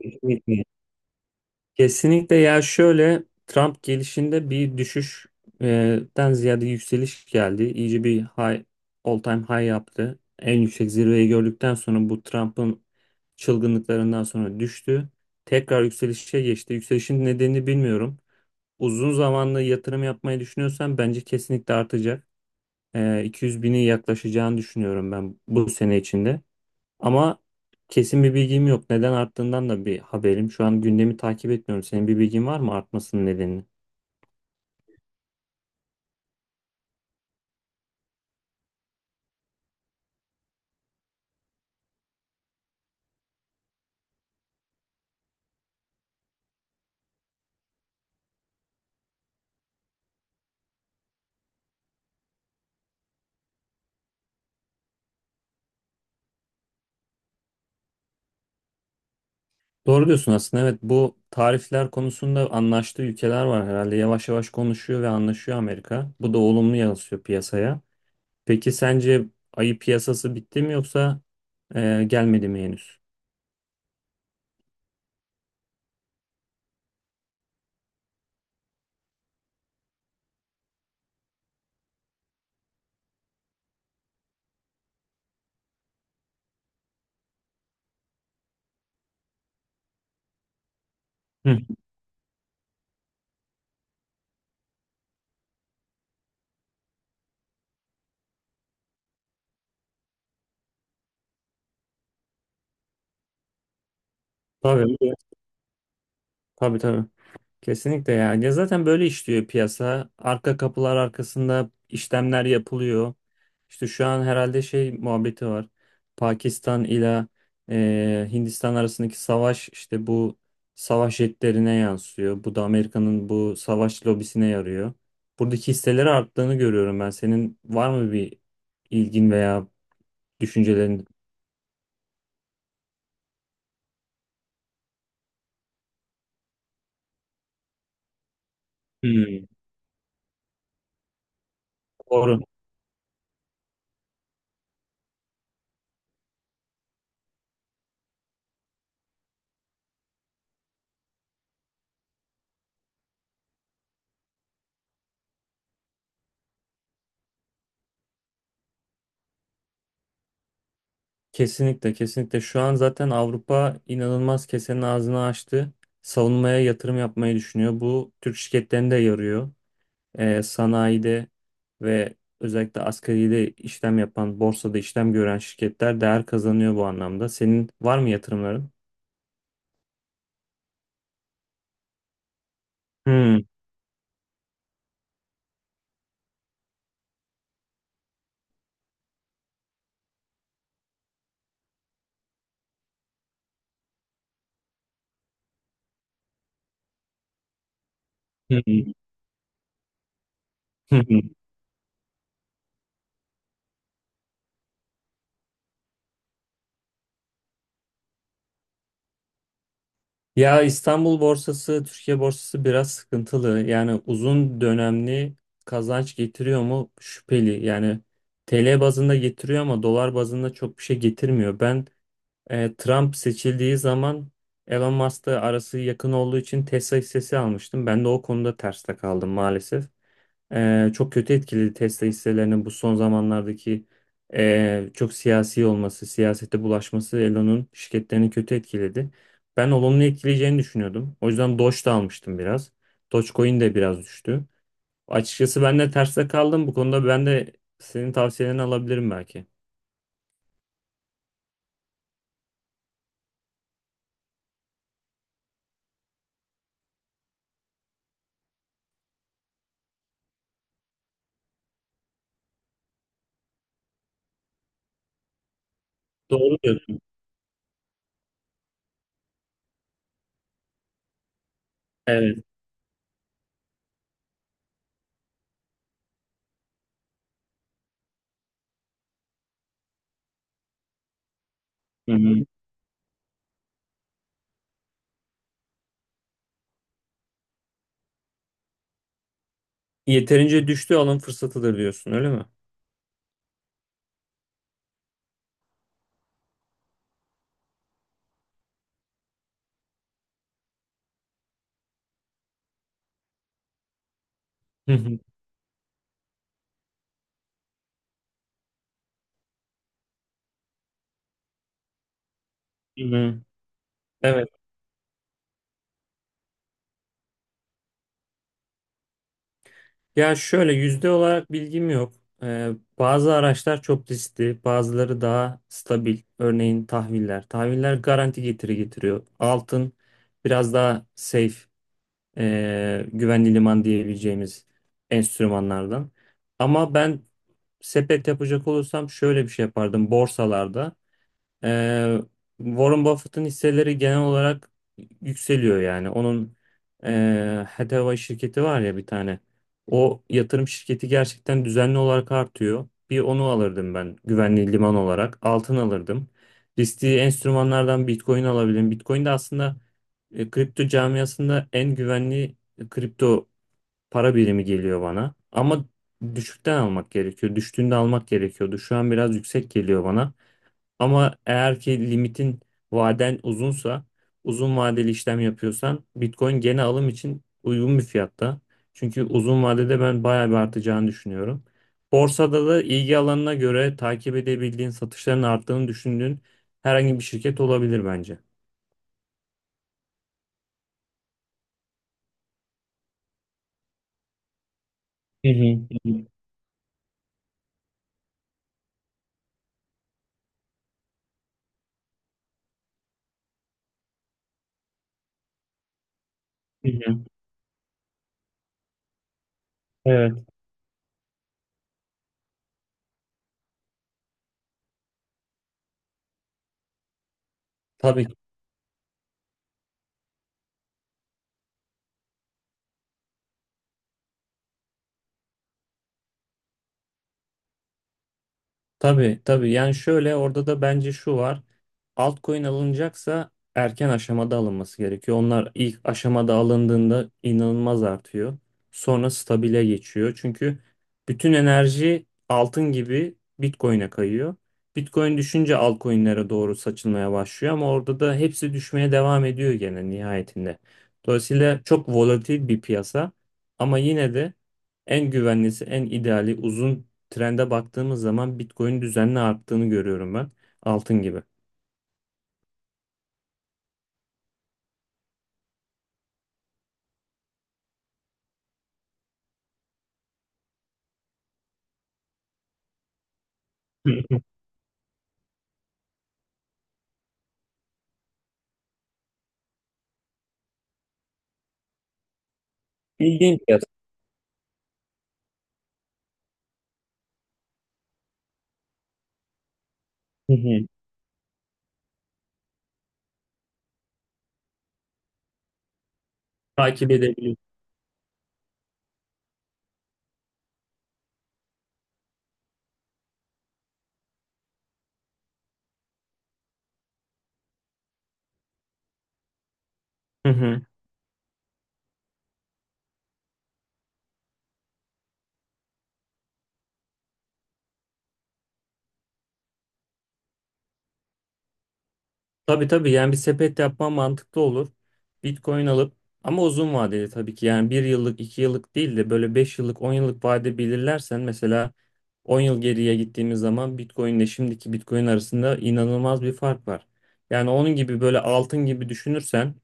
Kesinlikle. Kesinlikle ya şöyle Trump gelişinde bir düşüşten ziyade yükseliş geldi. İyice bir high, all time high yaptı. En yüksek zirveyi gördükten sonra bu Trump'ın çılgınlıklarından sonra düştü. Tekrar yükselişe geçti. Yükselişin nedenini bilmiyorum. Uzun zamanlı yatırım yapmayı düşünüyorsan bence kesinlikle artacak. 200 bini yaklaşacağını düşünüyorum ben bu sene içinde. Ama kesin bir bilgim yok. Neden arttığından da bir haberim. Şu an gündemi takip etmiyorum. Senin bir bilgin var mı artmasının nedenini? Doğru diyorsun aslında. Evet, bu tarifler konusunda anlaştığı ülkeler var herhalde. Yavaş yavaş konuşuyor ve anlaşıyor Amerika. Bu da olumlu yansıyor piyasaya. Peki sence ayı piyasası bitti mi yoksa gelmedi mi henüz? Hı. Tabii, tabii tabii. Kesinlikle ya. Ya zaten böyle işliyor piyasa. Arka kapılar arkasında işlemler yapılıyor. İşte şu an herhalde şey muhabbeti var. Pakistan ile Hindistan arasındaki savaş işte bu savaş jetlerine yansıyor. Bu da Amerika'nın bu savaş lobisine yarıyor. Buradaki hisseleri arttığını görüyorum ben. Senin var mı bir ilgin veya düşüncelerin? Hmm. Doğru. Kesinlikle, kesinlikle şu an zaten Avrupa inanılmaz kesenin ağzını açtı. Savunmaya yatırım yapmayı düşünüyor. Bu Türk şirketlerine de yarıyor. Sanayide ve özellikle asgaride işlem yapan, borsada işlem gören şirketler değer kazanıyor bu anlamda. Senin var mı yatırımların? Hmm. Ya İstanbul borsası, Türkiye borsası biraz sıkıntılı. Yani uzun dönemli kazanç getiriyor mu? Şüpheli. Yani TL bazında getiriyor ama dolar bazında çok bir şey getirmiyor. Ben Trump seçildiği zaman Elon Musk'la arası yakın olduğu için Tesla hissesi almıştım. Ben de o konuda terste kaldım maalesef. Çok kötü etkiledi Tesla hisselerinin bu son zamanlardaki çok siyasi olması, siyasete bulaşması Elon'un şirketlerini kötü etkiledi. Ben olumlu etkileyeceğini düşünüyordum. O yüzden Doge da almıştım biraz. Dogecoin de biraz düştü. Açıkçası ben de terste kaldım. Bu konuda ben de senin tavsiyelerini alabilirim belki. Doğru diyorsun. Evet. Hı hı. Yeterince düştü, alım fırsatıdır diyorsun, öyle mi? Hı hı. Hı hı. Evet. Ya şöyle, yüzde olarak bilgim yok. Ee, bazı araçlar çok riskli, bazıları daha stabil. Örneğin tahviller. Tahviller garanti getiri getiriyor. Altın biraz daha safe, güvenli liman diyebileceğimiz enstrümanlardan. Ama ben sepet yapacak olursam şöyle bir şey yapardım borsalarda. Ee, Warren Buffett'ın hisseleri genel olarak yükseliyor yani. Onun Hathaway şirketi var ya bir tane. O yatırım şirketi gerçekten düzenli olarak artıyor. Bir onu alırdım ben güvenli liman olarak. Altın alırdım. Riskli enstrümanlardan Bitcoin alabilirim. Bitcoin de aslında kripto camiasında en güvenli kripto para birimi geliyor bana. Ama düşükten almak gerekiyor. Düştüğünde almak gerekiyordu. Şu an biraz yüksek geliyor bana. Ama eğer ki limitin vaden uzunsa, uzun vadeli işlem yapıyorsan Bitcoin gene alım için uygun bir fiyatta. Çünkü uzun vadede ben bayağı bir artacağını düşünüyorum. Borsada da ilgi alanına göre takip edebildiğin, satışların arttığını düşündüğün herhangi bir şirket olabilir bence. Hı hı. Hı hı. Evet. Tabii, tabii, tabii, yani şöyle orada da bence şu var. Altcoin alınacaksa erken aşamada alınması gerekiyor. Onlar ilk aşamada alındığında inanılmaz artıyor. Sonra stabile geçiyor. Çünkü bütün enerji altın gibi Bitcoin'e kayıyor. Bitcoin düşünce altcoin'lere doğru saçılmaya başlıyor ama orada da hepsi düşmeye devam ediyor gene nihayetinde. Dolayısıyla çok volatil bir piyasa ama yine de en güvenlisi, en ideali uzun trende baktığımız zaman Bitcoin düzenli arttığını görüyorum ben. Altın gibi. Hı hı. İlginç ya. Hı hı. Takip edebilirim. Hı hı. Tabii, tabii, yani bir sepet yapman mantıklı olur. Bitcoin alıp, ama uzun vadeli tabii ki, yani 1 yıllık 2 yıllık değil de böyle 5 yıllık 10 yıllık vade belirlersen mesela 10 yıl geriye gittiğimiz zaman Bitcoin ile şimdiki Bitcoin arasında inanılmaz bir fark var. Yani onun gibi böyle altın gibi düşünürsen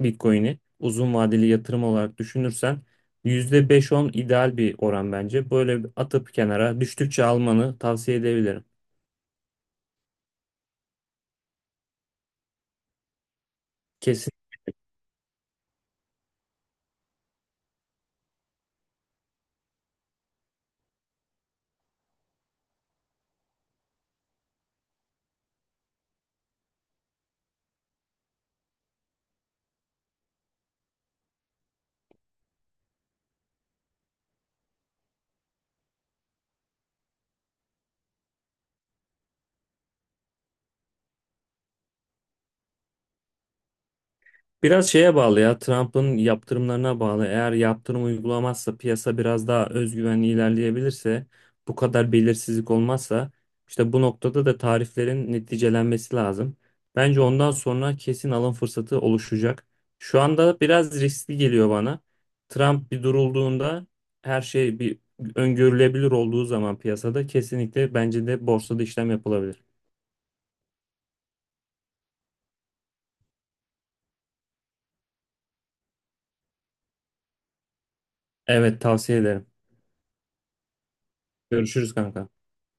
Bitcoin'i uzun vadeli yatırım olarak düşünürsen %5-10 ideal bir oran bence. Böyle bir atıp kenara düştükçe almanı tavsiye edebilirim. Kesin. Biraz şeye bağlı ya, Trump'ın yaptırımlarına bağlı. Eğer yaptırım uygulamazsa, piyasa biraz daha özgüvenli ilerleyebilirse, bu kadar belirsizlik olmazsa, işte bu noktada da tariflerin neticelenmesi lazım. Bence ondan sonra kesin alım fırsatı oluşacak. Şu anda biraz riskli geliyor bana. Trump bir durulduğunda, her şey bir öngörülebilir olduğu zaman piyasada kesinlikle bence de borsada işlem yapılabilir. Evet, tavsiye ederim. Görüşürüz kanka.